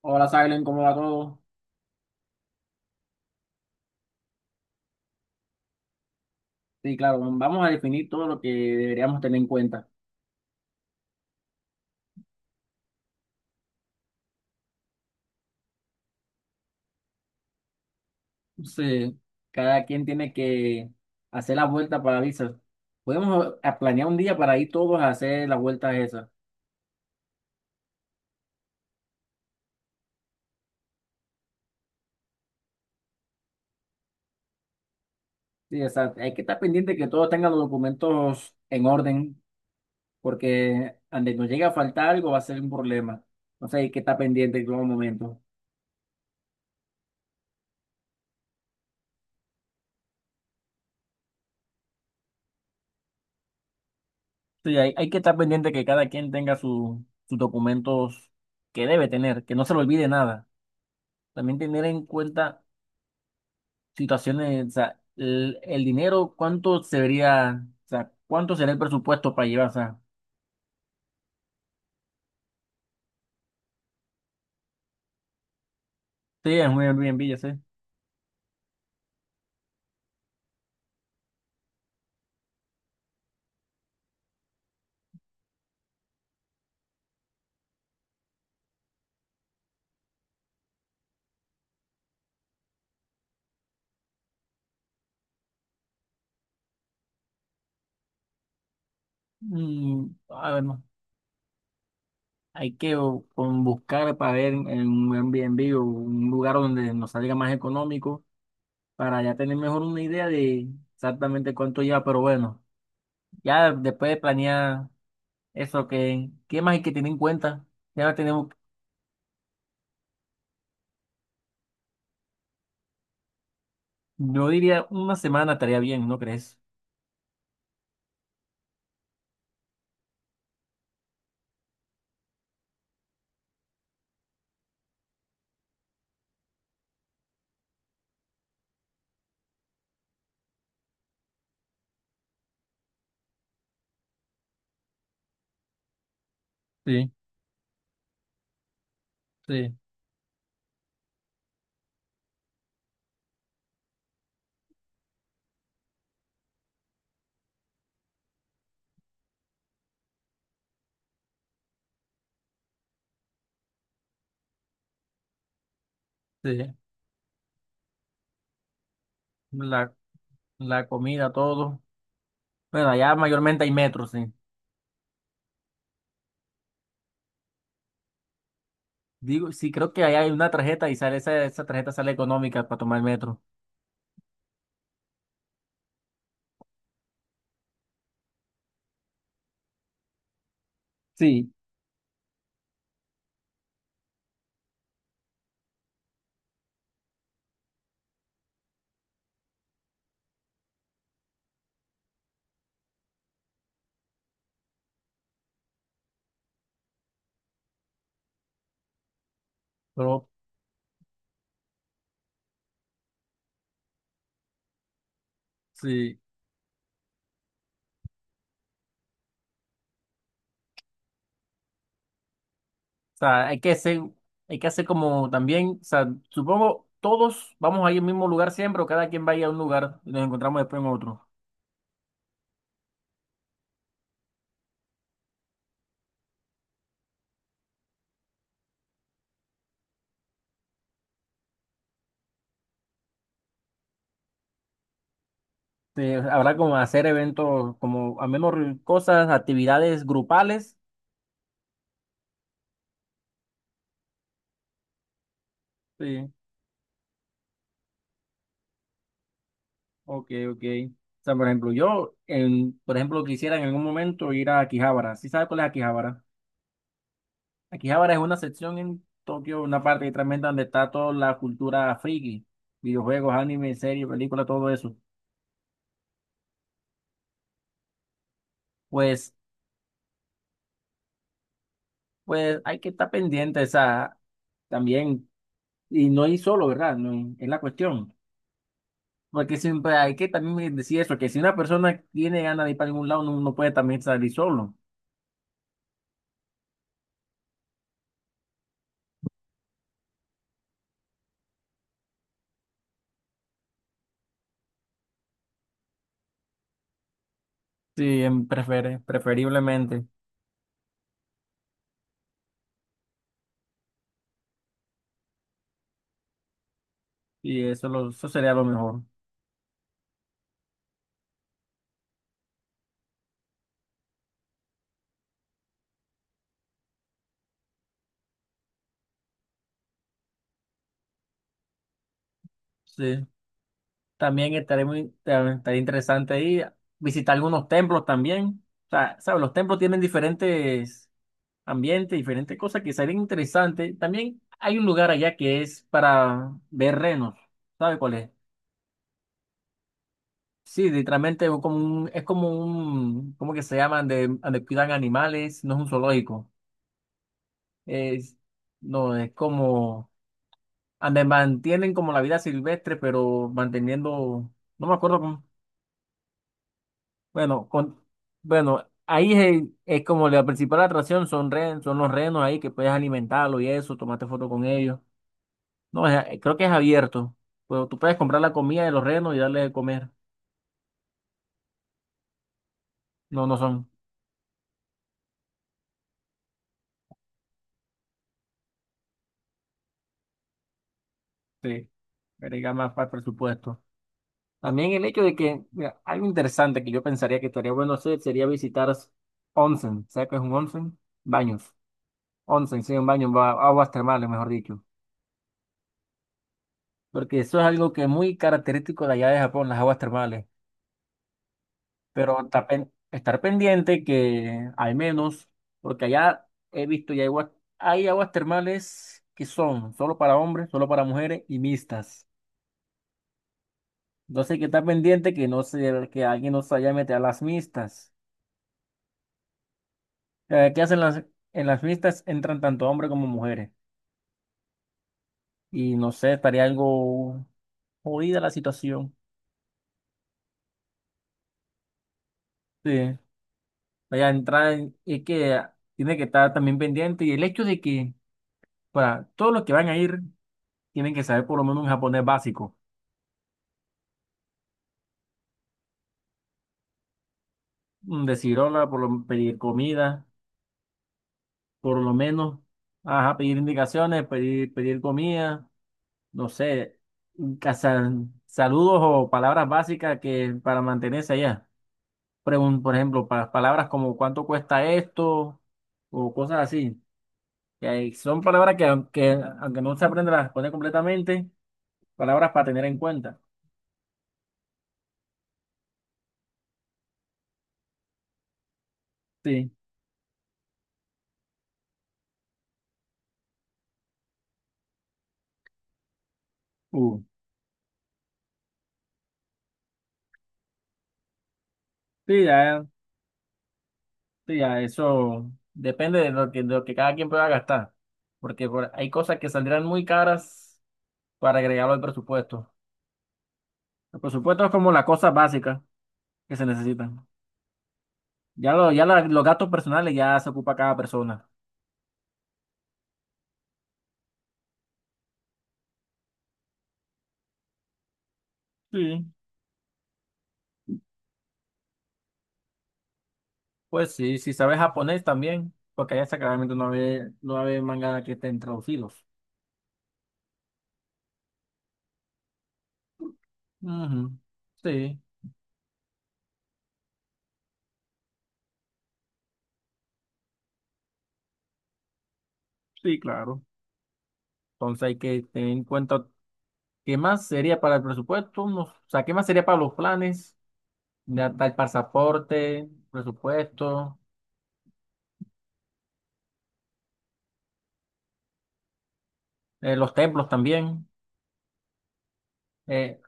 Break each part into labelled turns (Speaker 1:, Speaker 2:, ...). Speaker 1: Hola, Silen, ¿cómo va todo? Sí, claro, vamos a definir todo lo que deberíamos tener en cuenta. Entonces, cada quien tiene que hacer la vuelta para visas. Podemos a planear un día para ir todos a hacer las vueltas esas. Sí, o sea, hay que estar pendiente que todos tengan los documentos en orden, porque donde nos llegue a faltar algo va a ser un problema. Entonces, hay que estar pendiente en todo momento. Sí, hay que estar pendiente que cada quien sus documentos que debe tener, que no se le olvide nada. También tener en cuenta situaciones, o sea, el dinero, ¿cuánto se vería, o sea, cuánto sería el presupuesto para llevar? O sea, sí, es un Airbnb, ya sé. Mm, a ver, no, hay que o, con buscar para ver en un Airbnb o un lugar donde nos salga más económico para ya tener mejor una idea de exactamente cuánto lleva, pero bueno, ya después de planear eso, que ¿qué más hay que tener en cuenta? Ya tenemos, yo diría una semana estaría bien, ¿no crees? Sí, sí, sí. La comida, todo. Bueno, allá mayormente hay metro, sí. Digo, sí, creo que allá hay una tarjeta y sale esa tarjeta sale económica para tomar el metro. Sí. Pero sí, o sea, hay que hacer como también, o sea, supongo todos vamos a ir al mismo lugar siempre, o cada quien va a ir a un lugar y nos encontramos después en otro. Sí, habrá como hacer eventos, como al menos cosas, actividades grupales. Sí, ok, ok. O sea, por ejemplo, yo, en, por ejemplo, quisiera en algún momento ir a Akihabara. ¿Sí sabes cuál es Akihabara? Aquí ahora es una sección en Tokio, una parte que tremenda donde está toda la cultura friki, videojuegos, anime, series, películas, todo eso. Pues, pues hay que estar pendiente esa también, y no hay solo, ¿verdad? No hay... es la cuestión. Porque siempre hay que también decir eso, que si una persona tiene ganas de ir para algún lado, no, no puede también salir solo. Sí, preferiblemente. Y eso, lo, eso sería lo mejor. Sí. También estaría estaría interesante ahí visitar algunos templos también. O sea, ¿sabes? Los templos tienen diferentes ambientes, diferentes cosas que serían interesantes. También hay un lugar allá que es para ver renos. ¿Sabe cuál es? Sí, literalmente es como un, ¿cómo que se llaman? De, donde cuidan animales, no es un zoológico. Es, no, es como, donde mantienen como la vida silvestre, pero manteniendo, no me acuerdo. Bueno, con, bueno, ahí es como la principal atracción son, son los renos ahí que puedes alimentarlo y eso, tomarte foto con ellos. No, creo que es abierto. Pero tú puedes comprar la comida de los renos y darle de comer. No, no son. Sí, agrega más para el presupuesto. También el hecho de que, mira, algo interesante que yo pensaría que estaría bueno hacer sería visitar onsen. ¿Sabes qué es un onsen? Baños. Onsen, sí, un baño, aguas termales, mejor dicho. Porque eso es algo que es muy característico de allá de Japón, las aguas termales. Pero estar, estar pendiente que al menos, porque allá he visto y hay aguas termales que son solo para hombres, solo para mujeres y mixtas. Entonces hay que estar pendiente que no se, que alguien no se vaya a meter a las mixtas. ¿Qué hacen las, en las mixtas? Entran tanto hombres como mujeres. Y no sé, estaría algo jodida la situación. Sí. Vaya a entrar es que tiene que estar también pendiente. Y el hecho de que para todos los que van a ir tienen que saber por lo menos un japonés básico. De cirola, pedir comida, por lo menos, ajá, pedir indicaciones, pedir comida, no sé, casa- saludos o palabras básicas que para mantenerse allá. Por ejemplo, palabras como cuánto cuesta esto o cosas así. Son palabras que aunque, aunque no se aprende a responder completamente, palabras para tener en cuenta. Sí. Uh, sí, ya. Sí, ya, eso depende de lo que cada quien pueda gastar, porque hay cosas que saldrán muy caras para agregarlo al presupuesto. El presupuesto es como la cosa básica que se necesitan. Ya, lo, ya los gastos personales ya se ocupa cada persona. Sí. Pues sí, si sabes japonés también, porque allá claramente no hay, no hay manga que estén traducidos. Ujú. Sí, sí, claro. Entonces hay que tener en cuenta qué más sería para el presupuesto, o sea, qué más sería para los planes. Ya está el pasaporte, presupuesto, los templos también. Eh,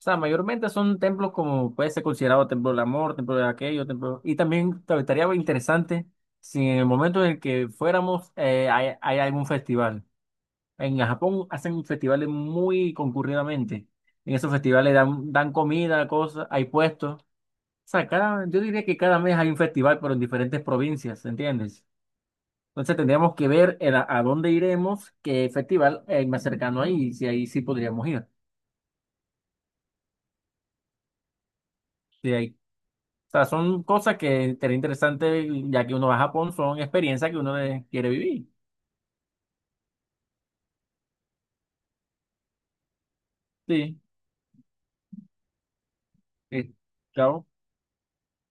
Speaker 1: o sea, mayormente son templos como puede ser considerado templo del amor, templo de aquello, templo... Y también estaría interesante si en el momento en el que fuéramos hay, hay algún festival. En Japón hacen festivales muy concurridamente. En esos festivales dan, dan comida, cosas, hay puestos. O sea, cada, yo diría que cada mes hay un festival, pero en diferentes provincias, ¿entiendes? Entonces tendríamos que ver el a dónde iremos, qué festival hay más cercano ahí, y si ahí sí podríamos ir. Si hay- O sea, son cosas que sería interesante, ya que uno va a Japón, son experiencias que uno quiere vivir. Sí, eh, claro.